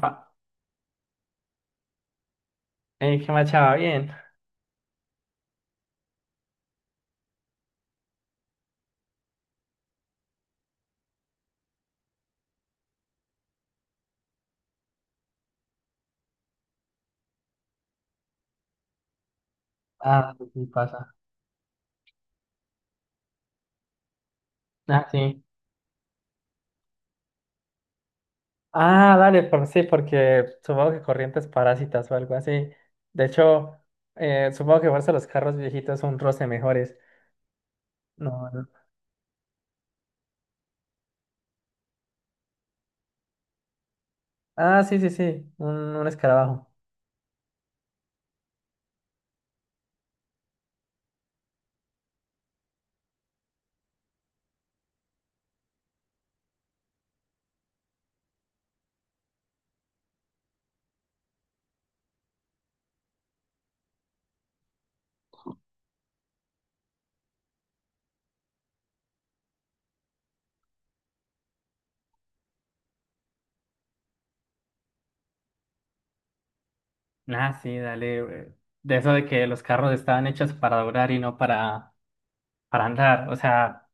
Pa- ¿Qué más, chava? Bien. Ah, sí pasa. Ah, sí. Ah, dale, sí, porque supongo que corrientes parásitas o algo así. De hecho, supongo que fuerza los carros viejitos son un roce mejores. No, no. Ah, sí, sí, sí, un, escarabajo. Ah, sí, dale. De eso de que los carros estaban hechos para durar y no para andar. O sea,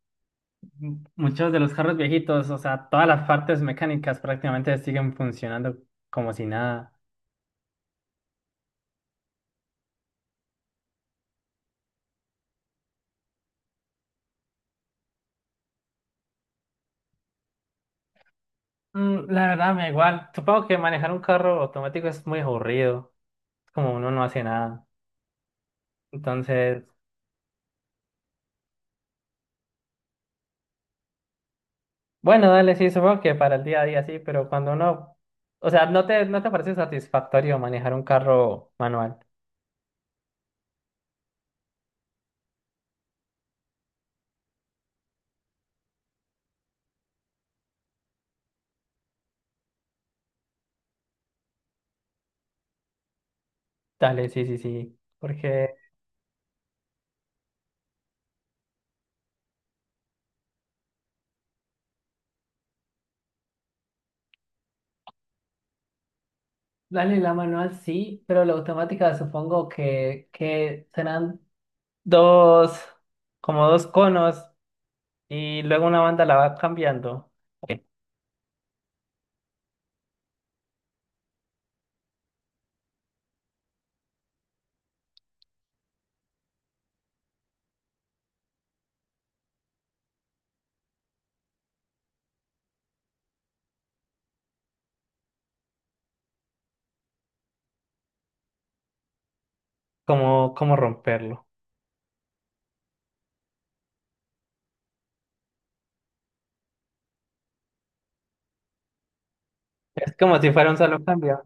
muchos de los carros viejitos, o sea, todas las partes mecánicas prácticamente siguen funcionando como si nada. La verdad me da igual. Supongo que manejar un carro automático es muy aburrido. Es como uno no hace nada. Entonces, bueno, dale, sí, supongo que para el día a día sí, pero cuando uno, o sea, no te parece satisfactorio manejar un carro manual. Dale, sí, sí, sí. Dale, la manual sí, pero la automática supongo que serán dos, como dos conos, y luego una banda la va cambiando. Ok. ¿Cómo, cómo romperlo? Es como si fuera un solo cambio.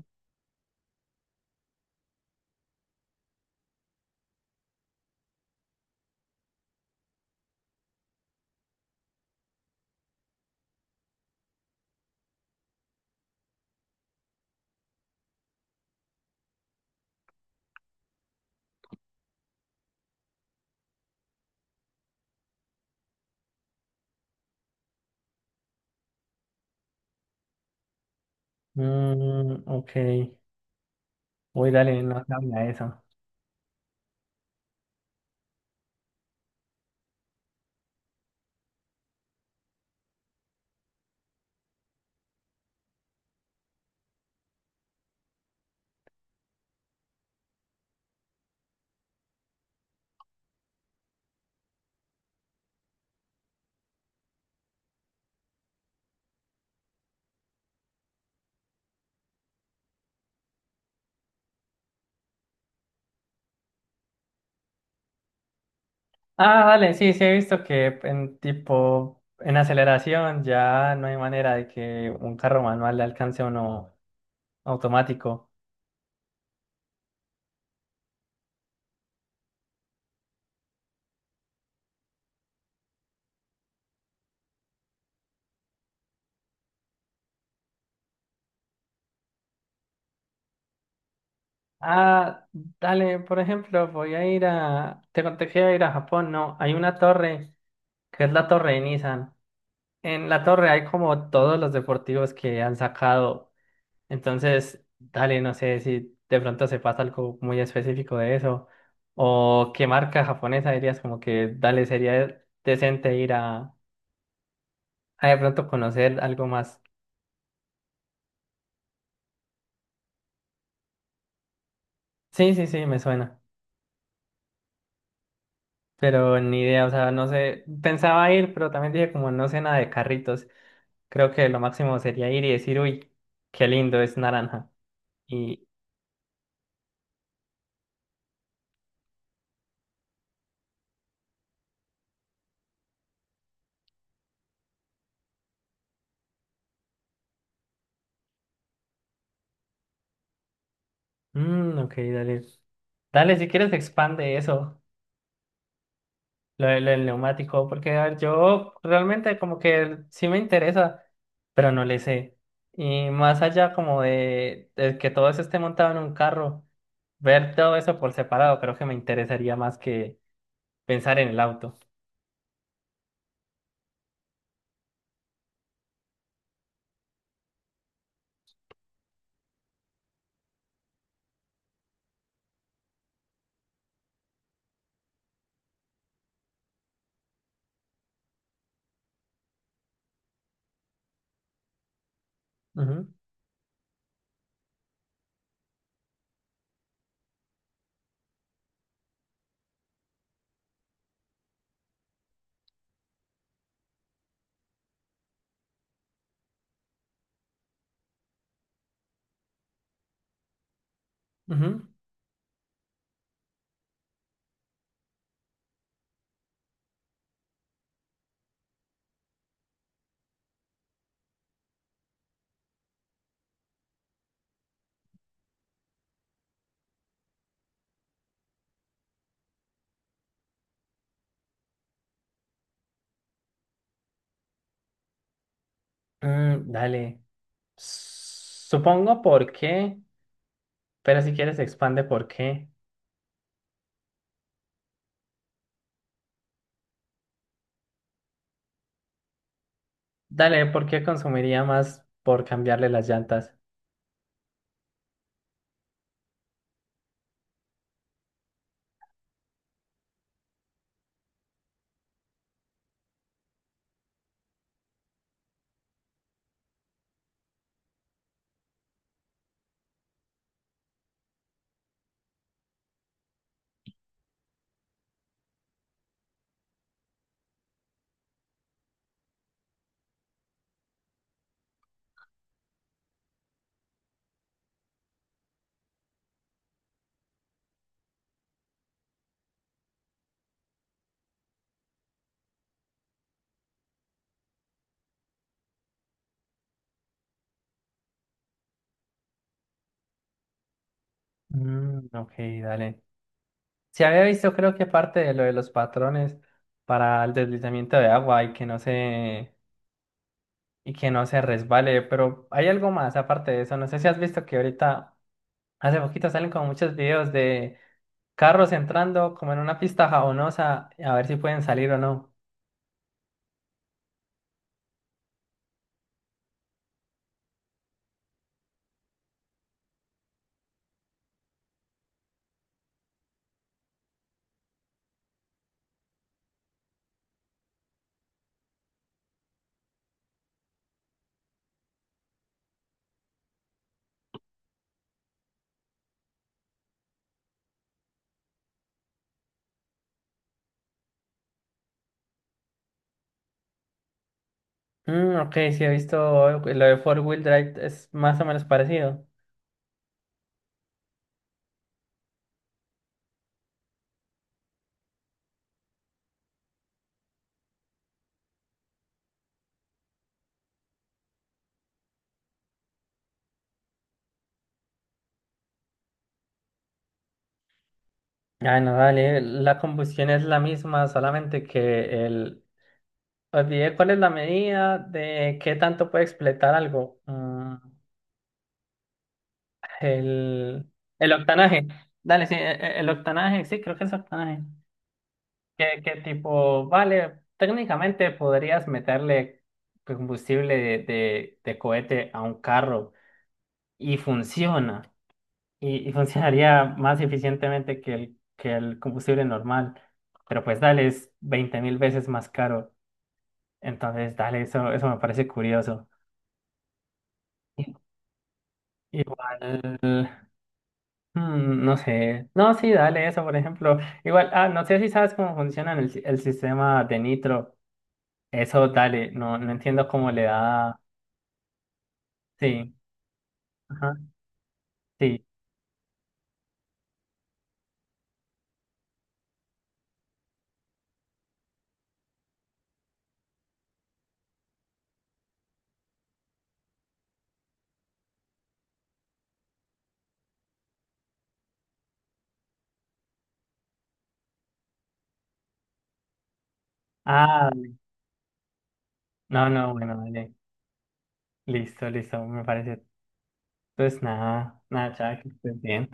Mm, ok. Uy, dale, no sabía eso. Ah, vale, sí, sí he visto que en tipo, en aceleración ya no hay manera de que un carro manual le alcance a uno automático. Ah, dale, por ejemplo, voy a ir a, te conté que iba a ir a Japón, no, hay una torre, que es la torre de Nissan. En la torre hay como todos los deportivos que han sacado. Entonces, dale, no sé si de pronto sepas algo muy específico de eso. O qué marca japonesa dirías como que, dale, sería decente ir a de pronto conocer algo más. Sí, sí, sí, me suena. Pero ni idea, o sea, no sé. Pensaba ir, pero también dije como no sé nada de carritos. Creo que lo máximo sería ir y decir, uy, qué lindo, es naranja. Y, mm, ok, dale. Dale, si quieres expande eso. Lo del neumático, porque a ver, yo realmente como que sí me interesa, pero no le sé. Y más allá como de que todo eso esté montado en un carro, ver todo eso por separado creo que me interesaría más que pensar en el auto. Ujú, ujú. Mm, dale. Supongo por qué, pero si quieres expande por qué. Dale, ¿por qué consumiría más por cambiarle las llantas? Mm, ok, dale. Se había visto, creo que parte de lo de los patrones para el deslizamiento de agua y que no se, resbale, pero hay algo más aparte de eso. No sé si has visto que ahorita, hace poquito salen como muchos videos de carros entrando como en una pista jabonosa a ver si pueden salir o no. Mm, ok, sí he visto lo de four wheel drive, es más o menos parecido. Ah, no, dale, la combustión es la misma, solamente olvidé cuál es la medida de qué tanto puede expletar algo. El, el octanaje. Dale, sí, el octanaje, sí, creo que es octanaje. Que tipo, vale, técnicamente podrías meterle combustible de cohete a un carro y funciona. Y funcionaría más eficientemente que el, combustible normal. Pero pues dale, es 20.000 veces más caro. Entonces, dale, eso me parece curioso. Igual, no sé. No, sí, dale eso, por ejemplo. Igual, ah, no sé si sabes cómo funciona el, si- el sistema de Nitro. Eso, dale, no, no entiendo cómo le da. Sí, ajá, sí. Ah, no, no, bueno, dale. Listo, listo, me parece. Pues nada, nada, chao, que estés bien.